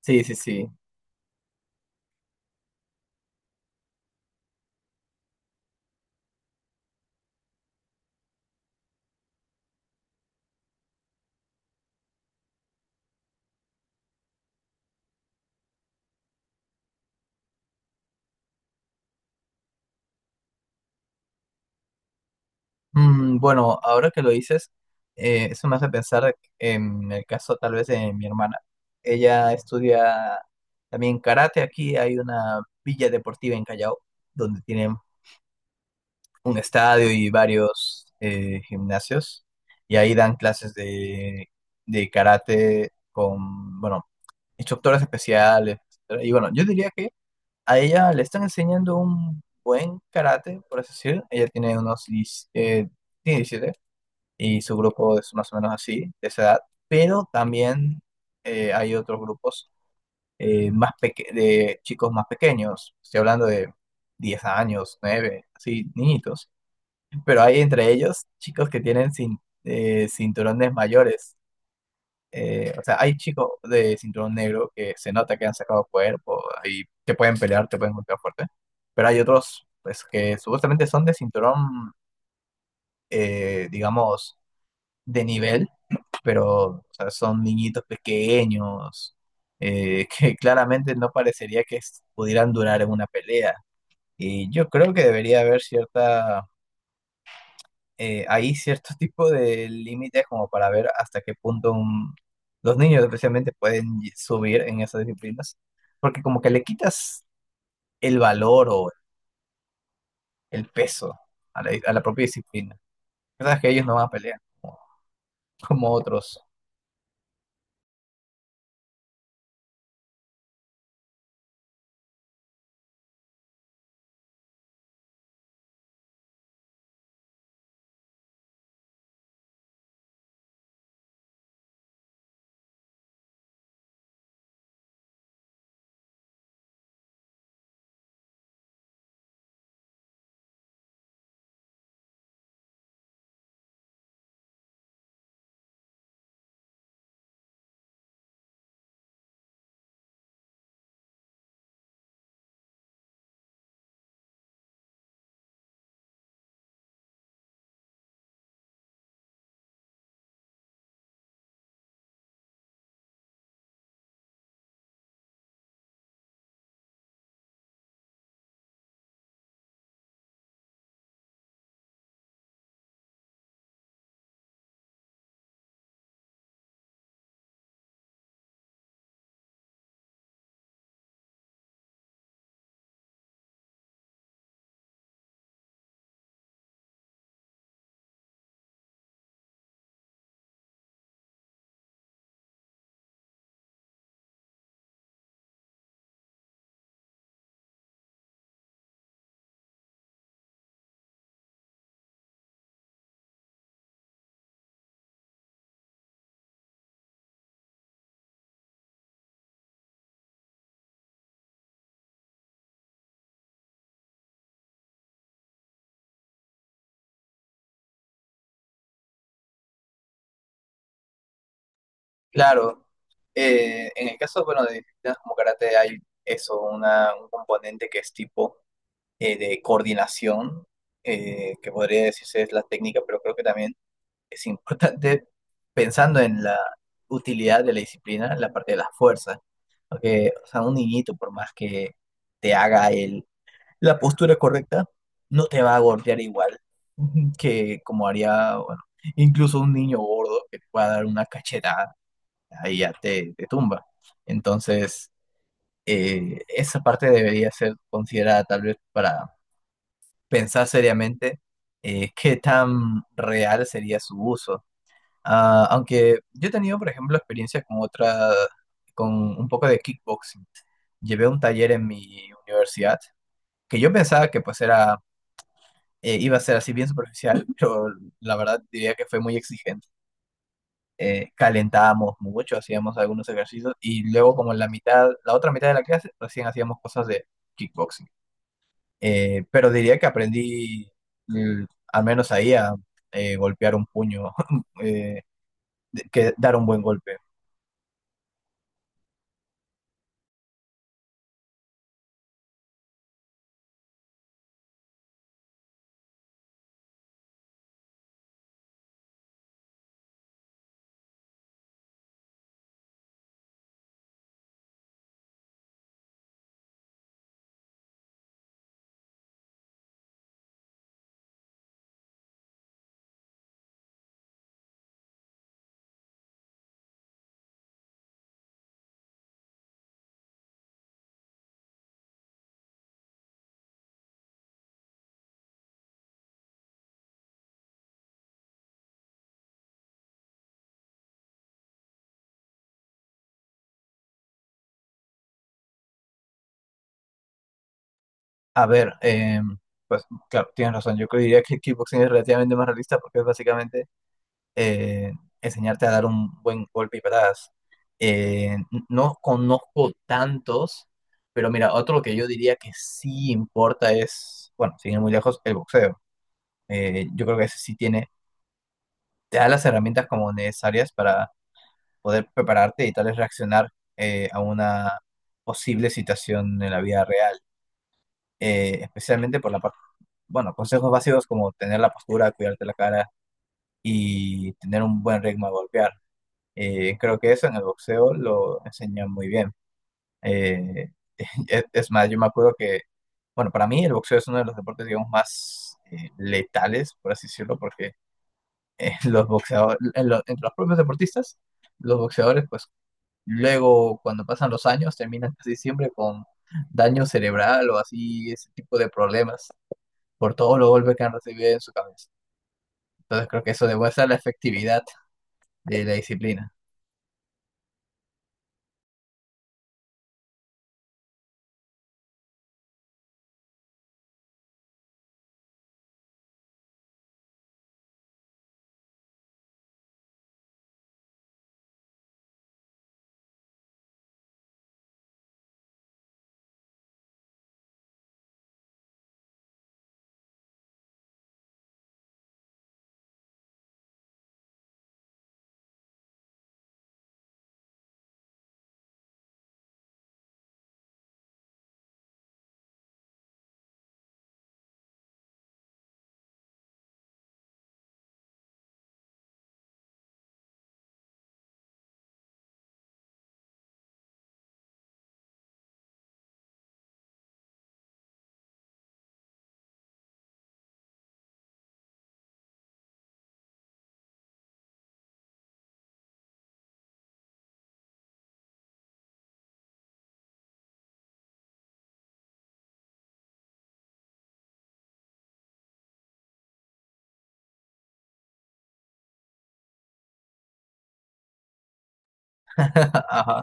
Sí, sí, sí. Bueno, ahora que lo dices, eso me hace pensar en el caso tal vez de mi hermana. Ella estudia también karate. Aquí hay una villa deportiva en Callao, donde tienen un estadio y varios gimnasios. Y ahí dan clases de karate con, bueno, instructores especiales, etcétera. Y bueno, yo diría que a ella le están enseñando un buen karate, por así decir. Ella tiene unos 10, tiene 17 y su grupo es más o menos así, de esa edad. Pero también hay otros grupos más de chicos más pequeños. Estoy hablando de 10 años, 9, así, niñitos. Pero hay entre ellos chicos que tienen cinturones mayores, o sea, hay chicos de cinturón negro que se nota que han sacado cuerpo y te pueden pelear, te pueden golpear fuerte, pero hay otros pues que supuestamente son de cinturón, digamos, de nivel, pero o sea, son niñitos pequeños, que claramente no parecería que pudieran durar en una pelea. Y yo creo que debería haber cierta hay cierto tipo de límites como para ver hasta qué punto los niños especialmente pueden subir en esas disciplinas, porque como que le quitas el valor o el peso a a la propia disciplina. Sabes que ellos no van a pelear como, como otros. Claro, en el caso, bueno, de disciplinas como karate hay eso, un componente que es tipo, de coordinación, que podría decirse es la técnica, pero creo que también es importante, pensando en la utilidad de la disciplina, la parte de la fuerza. Porque, o sea, un niñito, por más que te haga la postura correcta, no te va a golpear igual que como haría, bueno, incluso un niño gordo que te pueda dar una cachetada, ahí ya te tumba. Entonces, esa parte debería ser considerada tal vez para pensar seriamente qué tan real sería su uso. Ah, aunque yo he tenido, por ejemplo, experiencias con otra, con un poco de kickboxing. Llevé un taller en mi universidad que yo pensaba que pues era, iba a ser así bien superficial, pero la verdad diría que fue muy exigente. Calentábamos mucho, hacíamos algunos ejercicios y luego como en la mitad, la otra mitad de la clase, recién hacíamos cosas de kickboxing. Pero diría que aprendí, mm, al menos ahí, a golpear un puño, eh, que dar un buen golpe. A ver, pues claro, tienes razón. Yo diría que kickboxing es relativamente más realista porque es básicamente eh, enseñarte a dar un buen golpe y patadas. No conozco tantos, pero mira, otro que yo diría que sí importa es, bueno, sin ir muy lejos, el boxeo. Yo creo que ese sí tiene, te da las herramientas como necesarias para poder prepararte y tal vez reaccionar, a una posible situación en la vida real, especialmente por la parte, bueno, consejos básicos como tener la postura, cuidarte la cara y tener un buen ritmo de golpear. Creo que eso en el boxeo lo enseñan muy bien. Eh, es más, yo me acuerdo que, bueno, para mí el boxeo es uno de los deportes, digamos, más letales, por así decirlo, porque los boxeadores, en entre los propios deportistas, los boxeadores, pues luego cuando pasan los años terminan casi siempre con daño cerebral o así, ese tipo de problemas por todos los golpes que han recibido en su cabeza. Entonces creo que eso demuestra la efectividad de la disciplina. Ajá.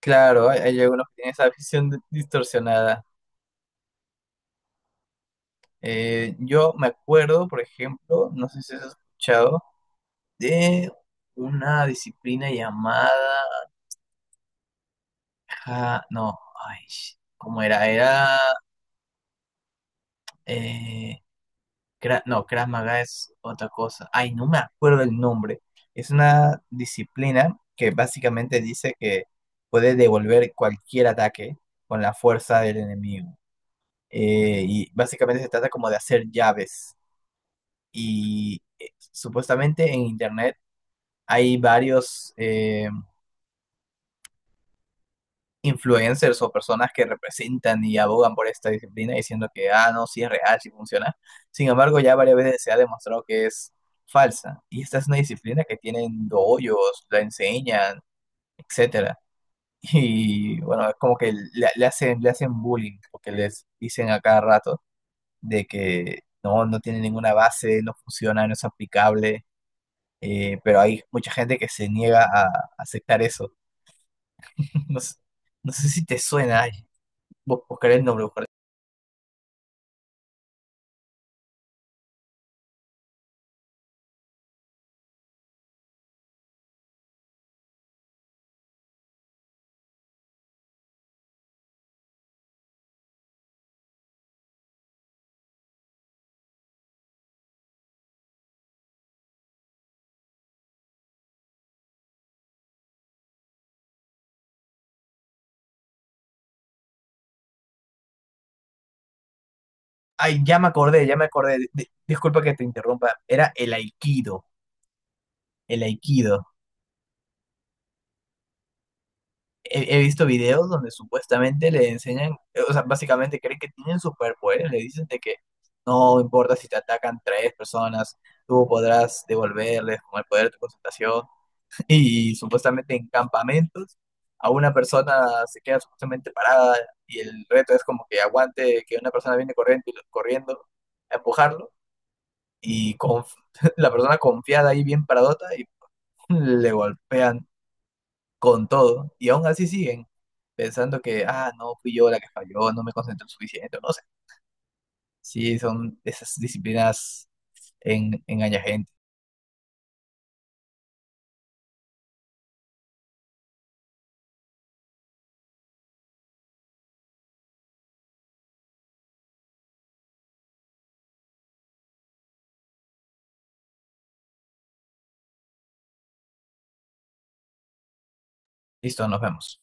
Claro, hay algunos que tienen esa visión distorsionada. Yo me acuerdo, por ejemplo, no sé si has escuchado, de una disciplina llamada... ah, no, ay, sh- ¿cómo era? Era... eh, no, Krav Maga es otra cosa. Ay, no me acuerdo el nombre. Es una disciplina que básicamente dice que puede devolver cualquier ataque con la fuerza del enemigo. Y básicamente se trata como de hacer llaves. Y supuestamente en internet hay varios, influencers o personas que representan y abogan por esta disciplina diciendo que, ah, no, sí es real, sí funciona. Sin embargo, ya varias veces se ha demostrado que es falsa. Y esta es una disciplina que tienen doyos, la enseñan, etcétera. Y bueno, es como que le le hacen bullying, porque les dicen a cada rato de que no, no tiene ninguna base, no funciona, no es aplicable. Pero hay mucha gente que se niega a aceptar eso. No sé, no sé si te suena, ay, buscaré el nombre, buscaré... Ay, ya me acordé, ya me acordé. Disculpa que te interrumpa. Era el aikido, el aikido. He visto videos donde supuestamente le enseñan, o sea, básicamente creen que tienen superpoderes. Le dicen de que no importa si te atacan 3 personas, tú podrás devolverles con el poder de tu concentración. Y supuestamente en campamentos a una persona se queda supuestamente parada y el reto es como que aguante que una persona viene corriendo, corriendo a empujarlo y la persona confiada ahí bien paradota y le golpean con todo y aún así siguen pensando que, ah, no, fui yo la que falló, no me concentré suficiente, no sé. Sí, son esas disciplinas en, engaña gente. Listo, nos vemos.